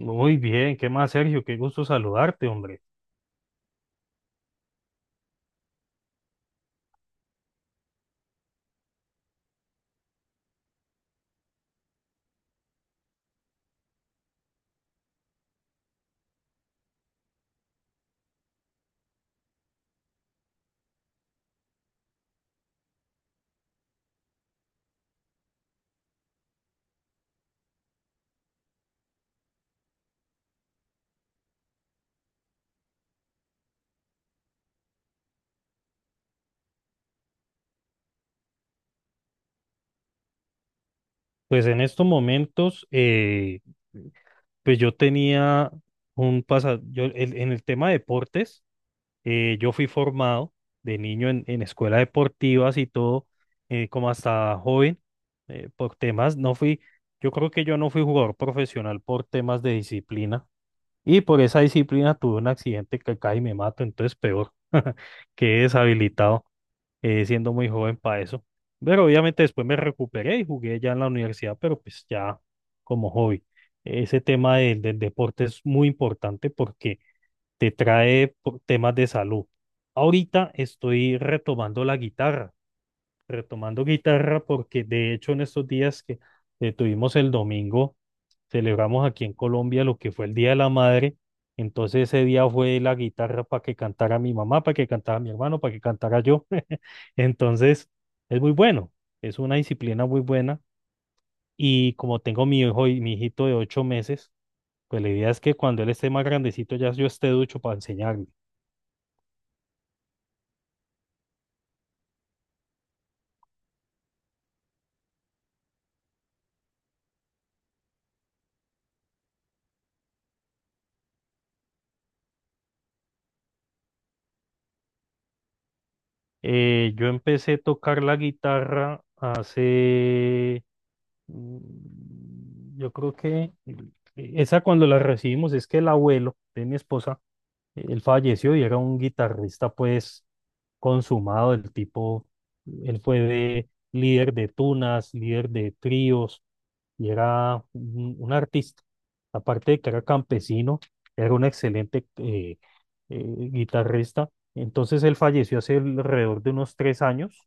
Muy bien, ¿qué más, Sergio? Qué gusto saludarte, hombre. Pues en estos momentos, pues yo tenía un pasado, en el tema de deportes, yo fui formado de niño en escuelas deportivas y todo, como hasta joven, por temas, no fui. Yo creo que yo no fui jugador profesional por temas de disciplina, y por esa disciplina tuve un accidente que casi me mato, entonces peor. Quedé deshabilitado. Siendo muy joven para eso. Pero obviamente después me recuperé y jugué ya en la universidad, pero pues ya como hobby. Ese tema del deporte es muy importante porque te trae temas de salud. Ahorita estoy retomando la guitarra, retomando guitarra, porque de hecho en estos días que tuvimos el domingo, celebramos aquí en Colombia lo que fue el Día de la Madre. Entonces ese día fue la guitarra para que cantara mi mamá, para que cantara mi hermano, para que cantara yo. Entonces es muy bueno, es una disciplina muy buena. Y como tengo mi hijo y mi hijito de 8 meses, pues la idea es que cuando él esté más grandecito ya yo esté ducho para enseñarle. Yo empecé a tocar la guitarra hace. Yo creo que esa cuando la recibimos es que el abuelo de mi esposa, él falleció y era un guitarrista pues consumado, el tipo. Él fue líder de tunas, líder de tríos y era un artista. Aparte de que era campesino, era un excelente eh, guitarrista. Entonces él falleció hace alrededor de unos 3 años,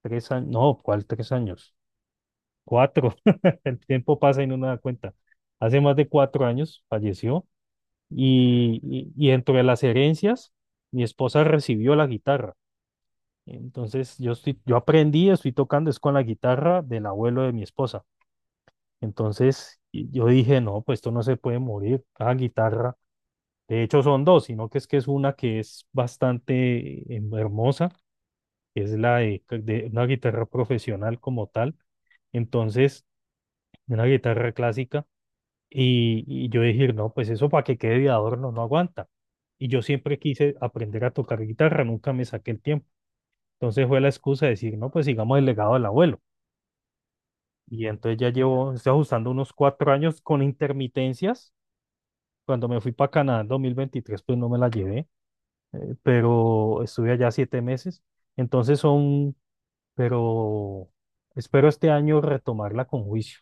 3 años, no, ¿cuál 3 años? Cuatro. El tiempo pasa y no nos da cuenta. Hace más de 4 años falleció y dentro de las herencias, mi esposa recibió la guitarra. Entonces yo, estoy, yo aprendí, estoy tocando, es con la guitarra del abuelo de mi esposa. Entonces y yo dije, no, pues esto no se puede morir, cada guitarra. De hecho son dos, sino que es una que es bastante hermosa, que es la de una guitarra profesional como tal. Entonces, una guitarra clásica. Y yo decir, no, pues eso para que quede de adorno no aguanta. Y yo siempre quise aprender a tocar guitarra, nunca me saqué el tiempo. Entonces fue la excusa de decir, no, pues sigamos el legado del abuelo. Y entonces ya llevo, estoy ajustando unos 4 años con intermitencias. Cuando me fui para Canadá en 2023 pues no me la llevé, pero estuve allá 7 meses. Entonces son, pero espero este año retomarla con juicio.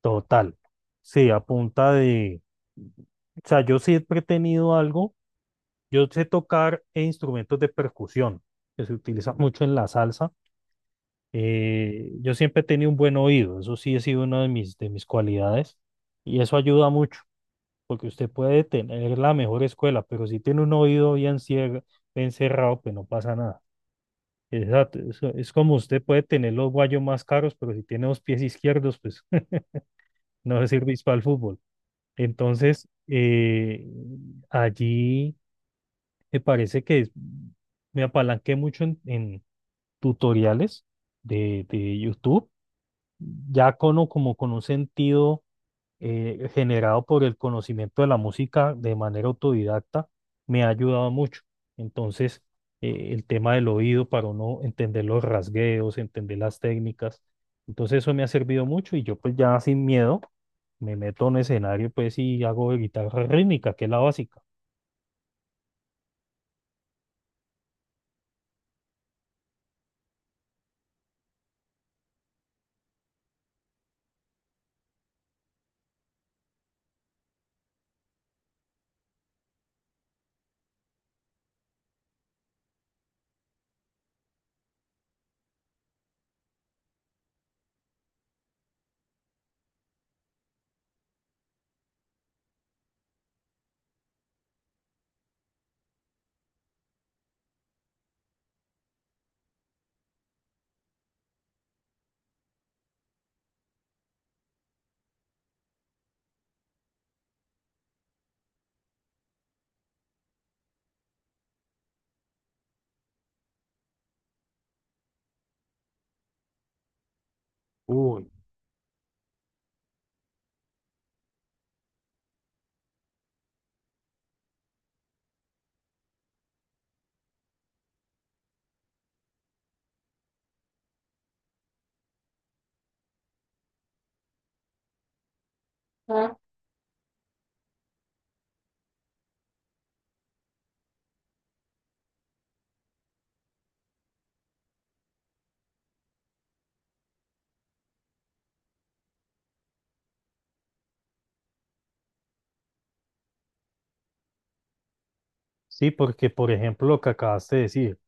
Total. Sí, a punta de. O sea, yo siempre he tenido algo. Yo sé tocar e instrumentos de percusión, que se utilizan mucho en la salsa. Yo siempre he tenido un buen oído. Eso sí ha sido una de mis cualidades. Y eso ayuda mucho, porque usted puede tener la mejor escuela, pero si tiene un oído bien cerrado, pues no pasa nada. Exacto. Es como usted puede tener los guayos más caros, pero si tiene los pies izquierdos, pues no le sirve para el fútbol. Entonces, allí me parece me apalanqué mucho en tutoriales de YouTube, ya con, o como con un sentido generado por el conocimiento de la música de manera autodidacta, me ha ayudado mucho. Entonces, el tema del oído para uno entender los rasgueos, entender las técnicas. Entonces, eso me ha servido mucho y yo pues ya sin miedo me meto en un escenario pues y hago de guitarra rítmica, que es la básica. Uy, sí, porque por ejemplo lo que acabaste de decir,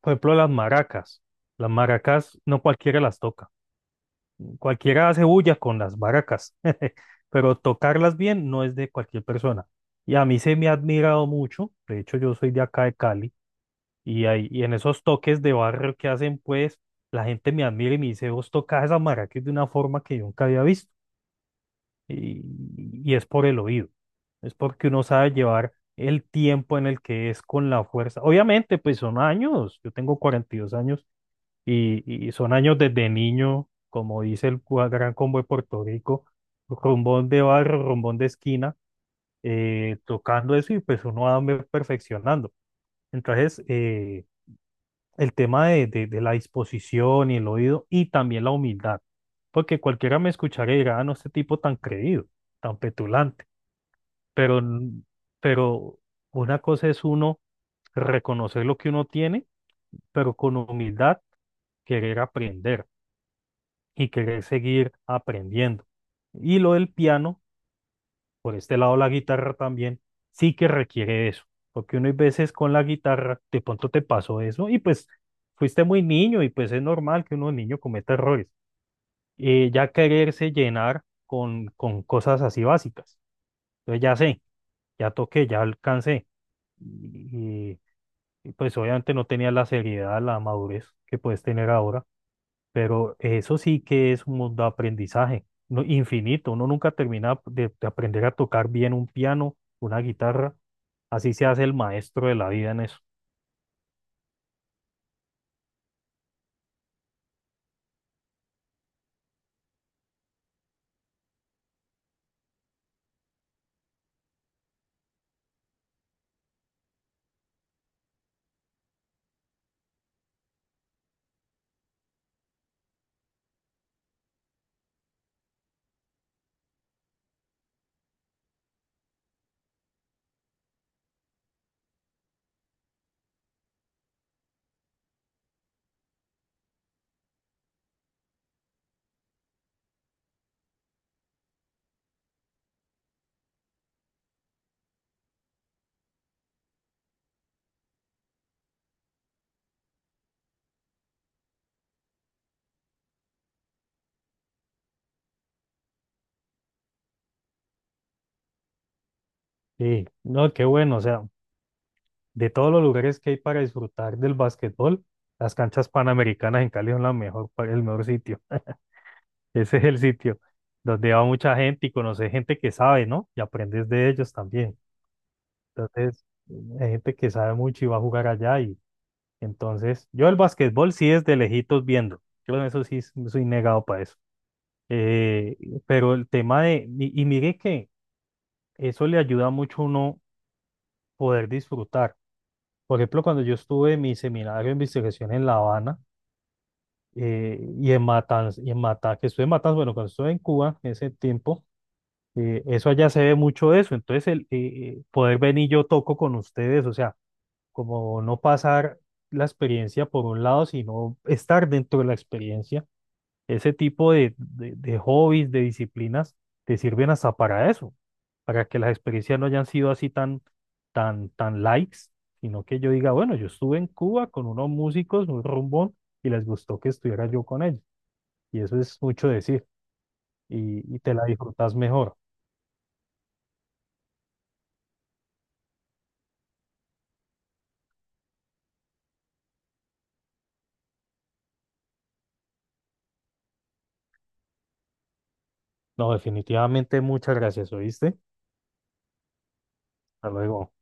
por ejemplo las maracas no cualquiera las toca. Cualquiera hace bulla con las baracas, pero tocarlas bien no es de cualquier persona. Y a mí se me ha admirado mucho, de hecho yo soy de acá de Cali, y en esos toques de barrio que hacen, pues la gente me admira y me dice, vos tocas esas maracas de una forma que yo nunca había visto. Y, y es por el oído, es porque uno sabe llevar el tiempo en el que es con la fuerza. Obviamente, pues son años, yo tengo 42 años y son años desde niño, como dice Gran Combo de Puerto Rico, rumbón de barro, rumbón de esquina, tocando eso y pues uno perfeccionando. Entonces, el tema de la disposición y el oído y también la humildad, porque cualquiera me escucharía y dirá, Ah, no, este tipo tan creído, tan petulante, pero, pero una cosa es uno reconocer lo que uno tiene, pero con humildad querer aprender, y querer seguir aprendiendo. Y lo del piano, por este lado la guitarra también, sí que requiere eso, porque uno hay veces con la guitarra, de pronto te pasó eso y pues fuiste muy niño y pues es normal que uno niño cometa errores. Ya quererse llenar con cosas así básicas. Entonces ya sé, ya toqué, ya alcancé. Y, y, pues obviamente no tenía la seriedad, la madurez que puedes tener ahora. Pero eso sí que es un mundo de aprendizaje, infinito. Uno nunca termina de aprender a tocar bien un piano, una guitarra. Así se hace el maestro de la vida en eso. Sí, no, qué bueno. O sea, de todos los lugares que hay para disfrutar del básquetbol, las canchas panamericanas en Cali son la mejor, el mejor sitio. Ese es el sitio donde va mucha gente y conoces gente que sabe, ¿no? Y aprendes de ellos también. Entonces, hay gente que sabe mucho y va a jugar allá y. Entonces, yo el básquetbol sí es de lejitos viendo. Yo en eso sí soy negado para eso. Eh, pero el tema de, y mire que eso le ayuda mucho a uno poder disfrutar. Por ejemplo, cuando yo estuve en mi seminario de investigación en La Habana y en Matanzas, y en Mata, que estuve en Matanzas, bueno, cuando estuve en Cuba en ese tiempo, eso allá se ve mucho de eso. Entonces, el poder venir yo toco con ustedes, o sea, como no pasar la experiencia por un lado, sino estar dentro de la experiencia. Ese tipo de hobbies, de disciplinas, te sirven hasta para eso, para que las experiencias no hayan sido así tan, tan, tan likes, sino que yo diga, bueno, yo estuve en Cuba con unos músicos, un rumbón, y les gustó que estuviera yo con ellos. Y eso es mucho decir, y te la disfrutas mejor. No, definitivamente, muchas gracias, ¿oíste? Hasta luego.